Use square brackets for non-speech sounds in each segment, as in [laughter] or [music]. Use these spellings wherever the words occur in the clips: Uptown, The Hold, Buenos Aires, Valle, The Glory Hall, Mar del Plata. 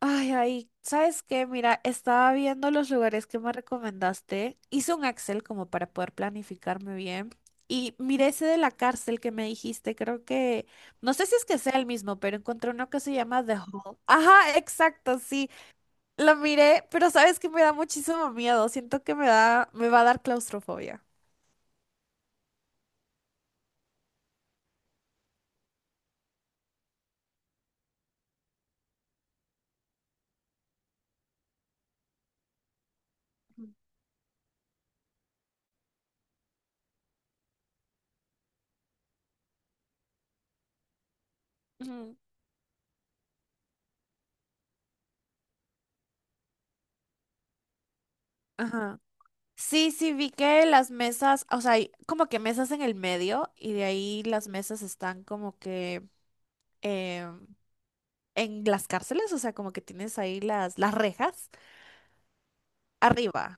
Ay, ay, ¿sabes qué? Mira, estaba viendo los lugares que me recomendaste. Hice un Excel como para poder planificarme bien. Y miré ese de la cárcel que me dijiste. Creo que, no sé si es que sea el mismo, pero encontré uno que se llama The Hall. Ajá, exacto, sí. Lo miré, pero sabes que me da muchísimo miedo. Siento que me va a dar claustrofobia. Ujú. Ujú. Ajá. Sí, sí, vi que las mesas, o sea, hay como que mesas en el medio y de ahí las mesas están como que... em, en las cárceles, o sea, como que tienes ahí las rejas arriba.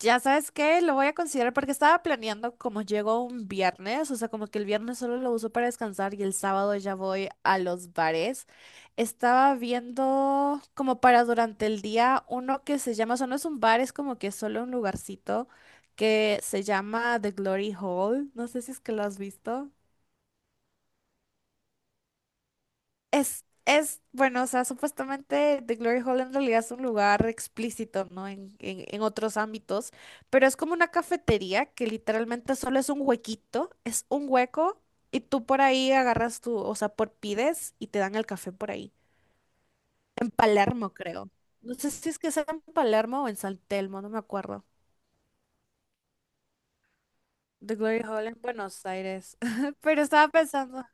Ya sabes qué, lo voy a considerar porque estaba planeando como llego un viernes, o sea, como que el viernes solo lo uso para descansar y el sábado ya voy a los bares. Estaba viendo como para durante el día uno que se llama, o sea, no es un bar, es como que solo un lugarcito que se llama The Glory Hall. No sé si es que lo has visto. Bueno, o sea, supuestamente The Glory Hall en realidad es un lugar explícito, ¿no? En otros ámbitos, pero es como una cafetería que literalmente solo es un huequito, es un hueco y tú por ahí agarras tu, o sea, por pides y te dan el café por ahí. En Palermo, creo. No sé si es que sea en Palermo o en San Telmo, no me acuerdo. The Glory Hall en Buenos Aires. [laughs] Pero estaba pensando.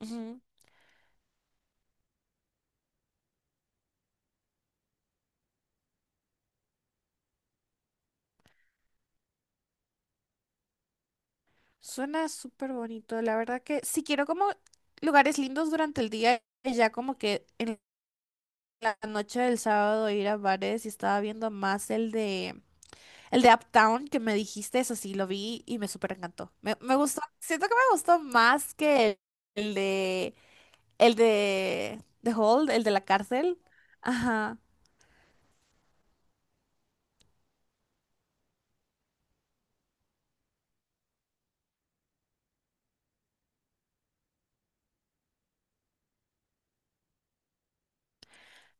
Ujú. Suena súper bonito. La verdad que si quiero como lugares lindos durante el día, y ya como que en la noche del sábado ir a bares y estaba viendo más el de Uptown que me dijiste, eso sí, lo vi y me súper encantó. Me gustó, siento que me gustó más que el, el de el de The Hold, el de la cárcel. Ajá.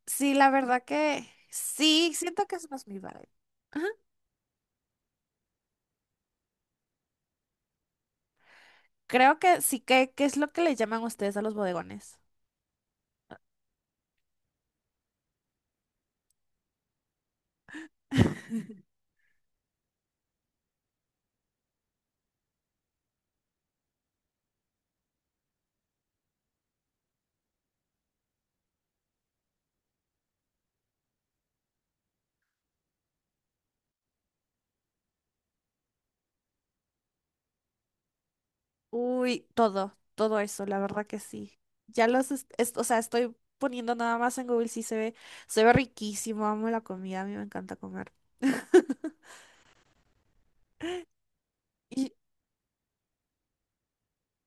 Sí, la verdad que sí, siento que es más mi vibe. Ajá. Creo que sí que, ¿qué es lo que le llaman ustedes a los bodegones? [laughs] Uy, todo, todo eso, la verdad que sí. O sea, estoy poniendo nada más en Google, sí se ve riquísimo, amo la comida, a mí me encanta comer. [laughs] Y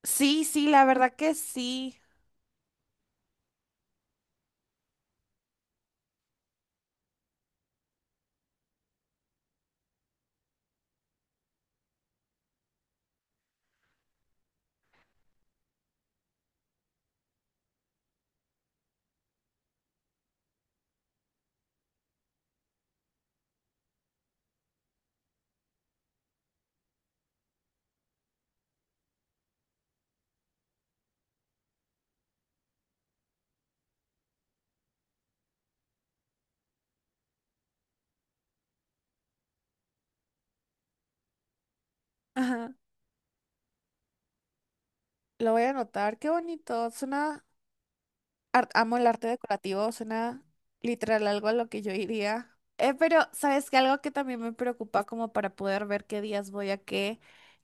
sí, sí, la verdad que sí. Ajá, lo voy a anotar, qué bonito, suena, amo el arte decorativo, suena literal algo a lo que yo iría. Pero, ¿sabes qué? Algo que también me preocupa como para poder ver qué días voy a qué.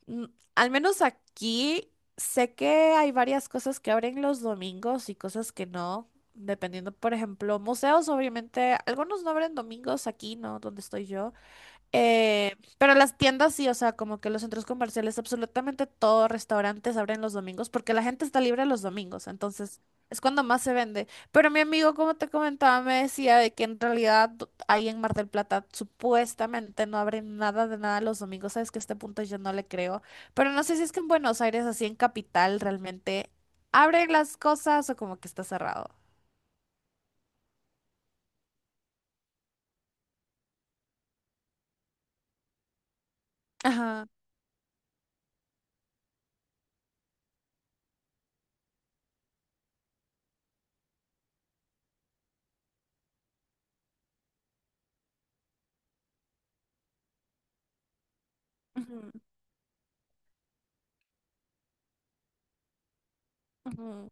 Mm, al menos aquí sé que hay varias cosas que abren los domingos y cosas que no. Dependiendo, por ejemplo, museos, obviamente, algunos no abren domingos aquí, ¿no? Donde estoy yo. Pero las tiendas sí, o sea, como que los centros comerciales, absolutamente todos restaurantes abren los domingos porque la gente está libre los domingos, entonces es cuando más se vende. Pero mi amigo, como te comentaba, me decía de que en realidad ahí en Mar del Plata supuestamente no abren nada de nada los domingos, sabes que a este punto yo no le creo, pero no sé si es que en Buenos Aires, así en capital, realmente abren las cosas o como que está cerrado. Ajá. Ujú, ujú.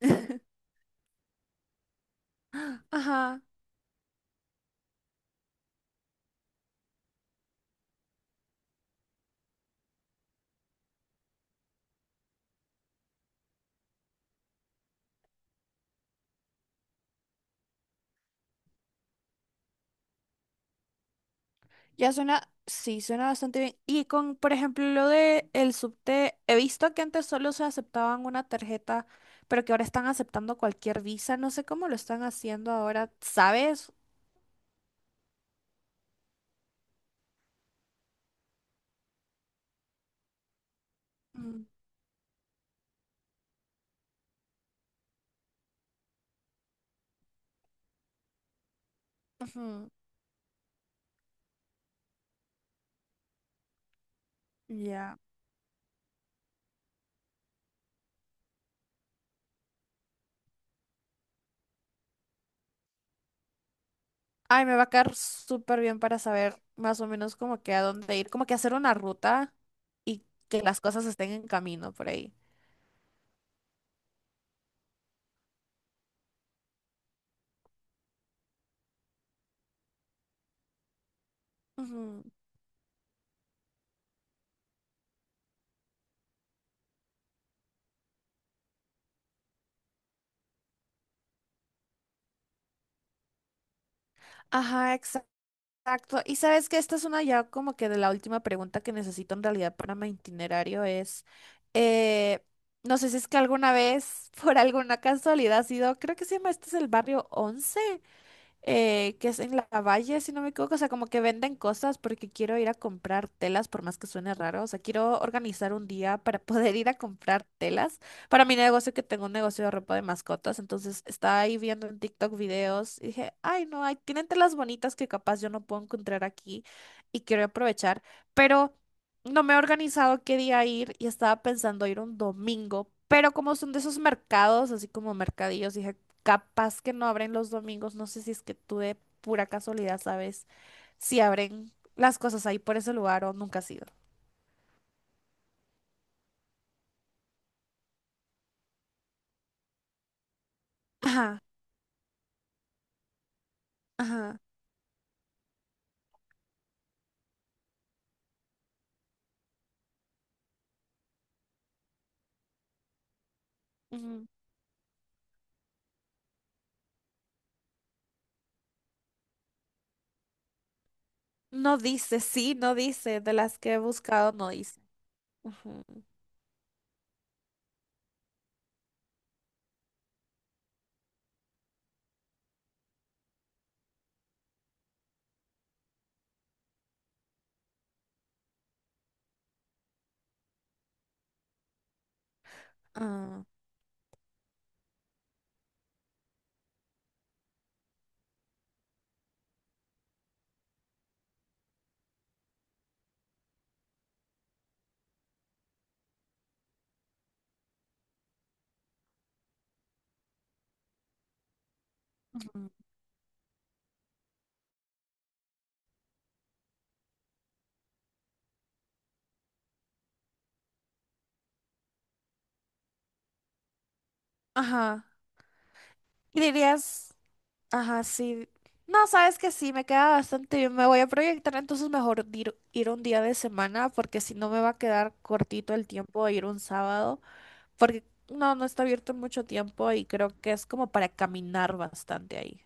[laughs] Ajá. Ya suena, sí, suena bastante bien. Y con, por ejemplo, lo de el subte, he visto que antes solo se aceptaban una tarjeta, pero que ahora están aceptando cualquier visa. No sé cómo lo están haciendo ahora, ¿sabes? Mm, ujú, ya. Ay, me va a caer súper bien para saber más o menos como que a dónde ir, como que hacer una ruta y que las cosas estén en camino por ahí. Ujú. Ajá, exacto. Y sabes que esta es una ya como que de la última pregunta que necesito en realidad para mi itinerario es, eh, no sé si es que alguna vez, [laughs] por alguna casualidad, has ido, creo que se llama, este es el barrio Once que es en la Valle, si no me equivoco, o sea, como que venden cosas porque quiero ir a comprar telas, por más que suene raro, o sea, quiero organizar un día para [laughs] poder ir a comprar telas para mi negocio, que tengo un negocio de ropa de mascotas, entonces estaba ahí viendo en TikTok videos y dije, ay, no, hay, tienen telas bonitas que capaz yo no puedo encontrar aquí y quiero aprovechar, pero no me he organizado qué día ir y estaba pensando ir un domingo. Pero como son de esos mercados, así como mercadillos, dije capaz que no abren los domingos, no sé si es que tú de pura casualidad sabes si abren las cosas ahí por ese lugar o nunca has ido. Ajá, ajá. Ujú. No dice, sí, no dice, de las que he buscado no dice. Ujú. Ah. Ujú. Ajá. Y dirías, ajá, sí. No, sabes que sí, me queda bastante bien. Me voy a proyectar, entonces mejor ir, un día de semana, porque si no me va a quedar cortito el tiempo de ir un sábado. Porque no está abierto mucho tiempo y creo que es como para caminar bastante ahí.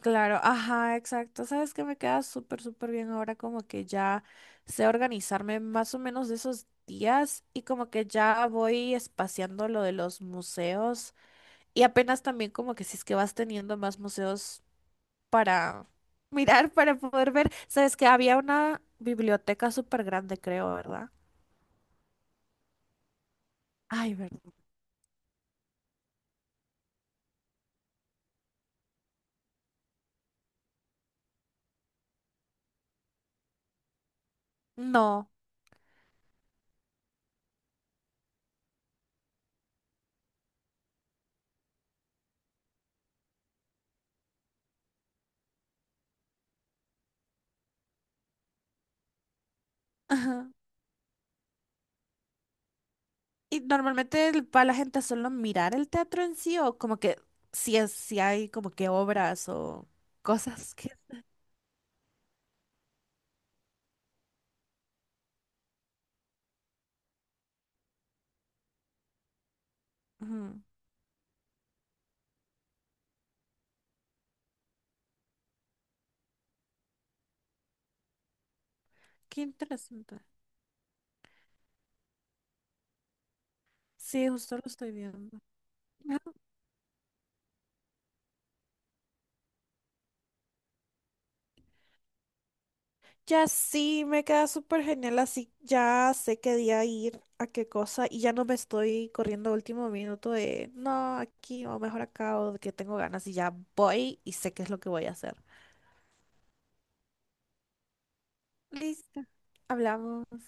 Claro, ajá, exacto. Sabes que me queda súper, súper bien ahora como que ya sé organizarme más o menos de esos días y como que ya voy espaciando lo de los museos y apenas también como que si es que vas teniendo más museos para [laughs] mirar, para poder ver. Sabes que había una biblioteca súper grande, creo, ¿verdad? Ay, ¿verdad? No. [laughs] Y normalmente va la gente a solo mirar el teatro en sí o como que si es, si hay como que obras o cosas que... Ujú. Qué interesante. Sí, justo lo estoy viendo. Ajá. Ya sí, me queda súper genial, así ya sé qué día ir, a qué cosa, y ya no me estoy corriendo a último minuto de no, aquí o mejor acá o de que tengo ganas y ya voy y sé qué es lo que voy a hacer. Listo. Hablamos.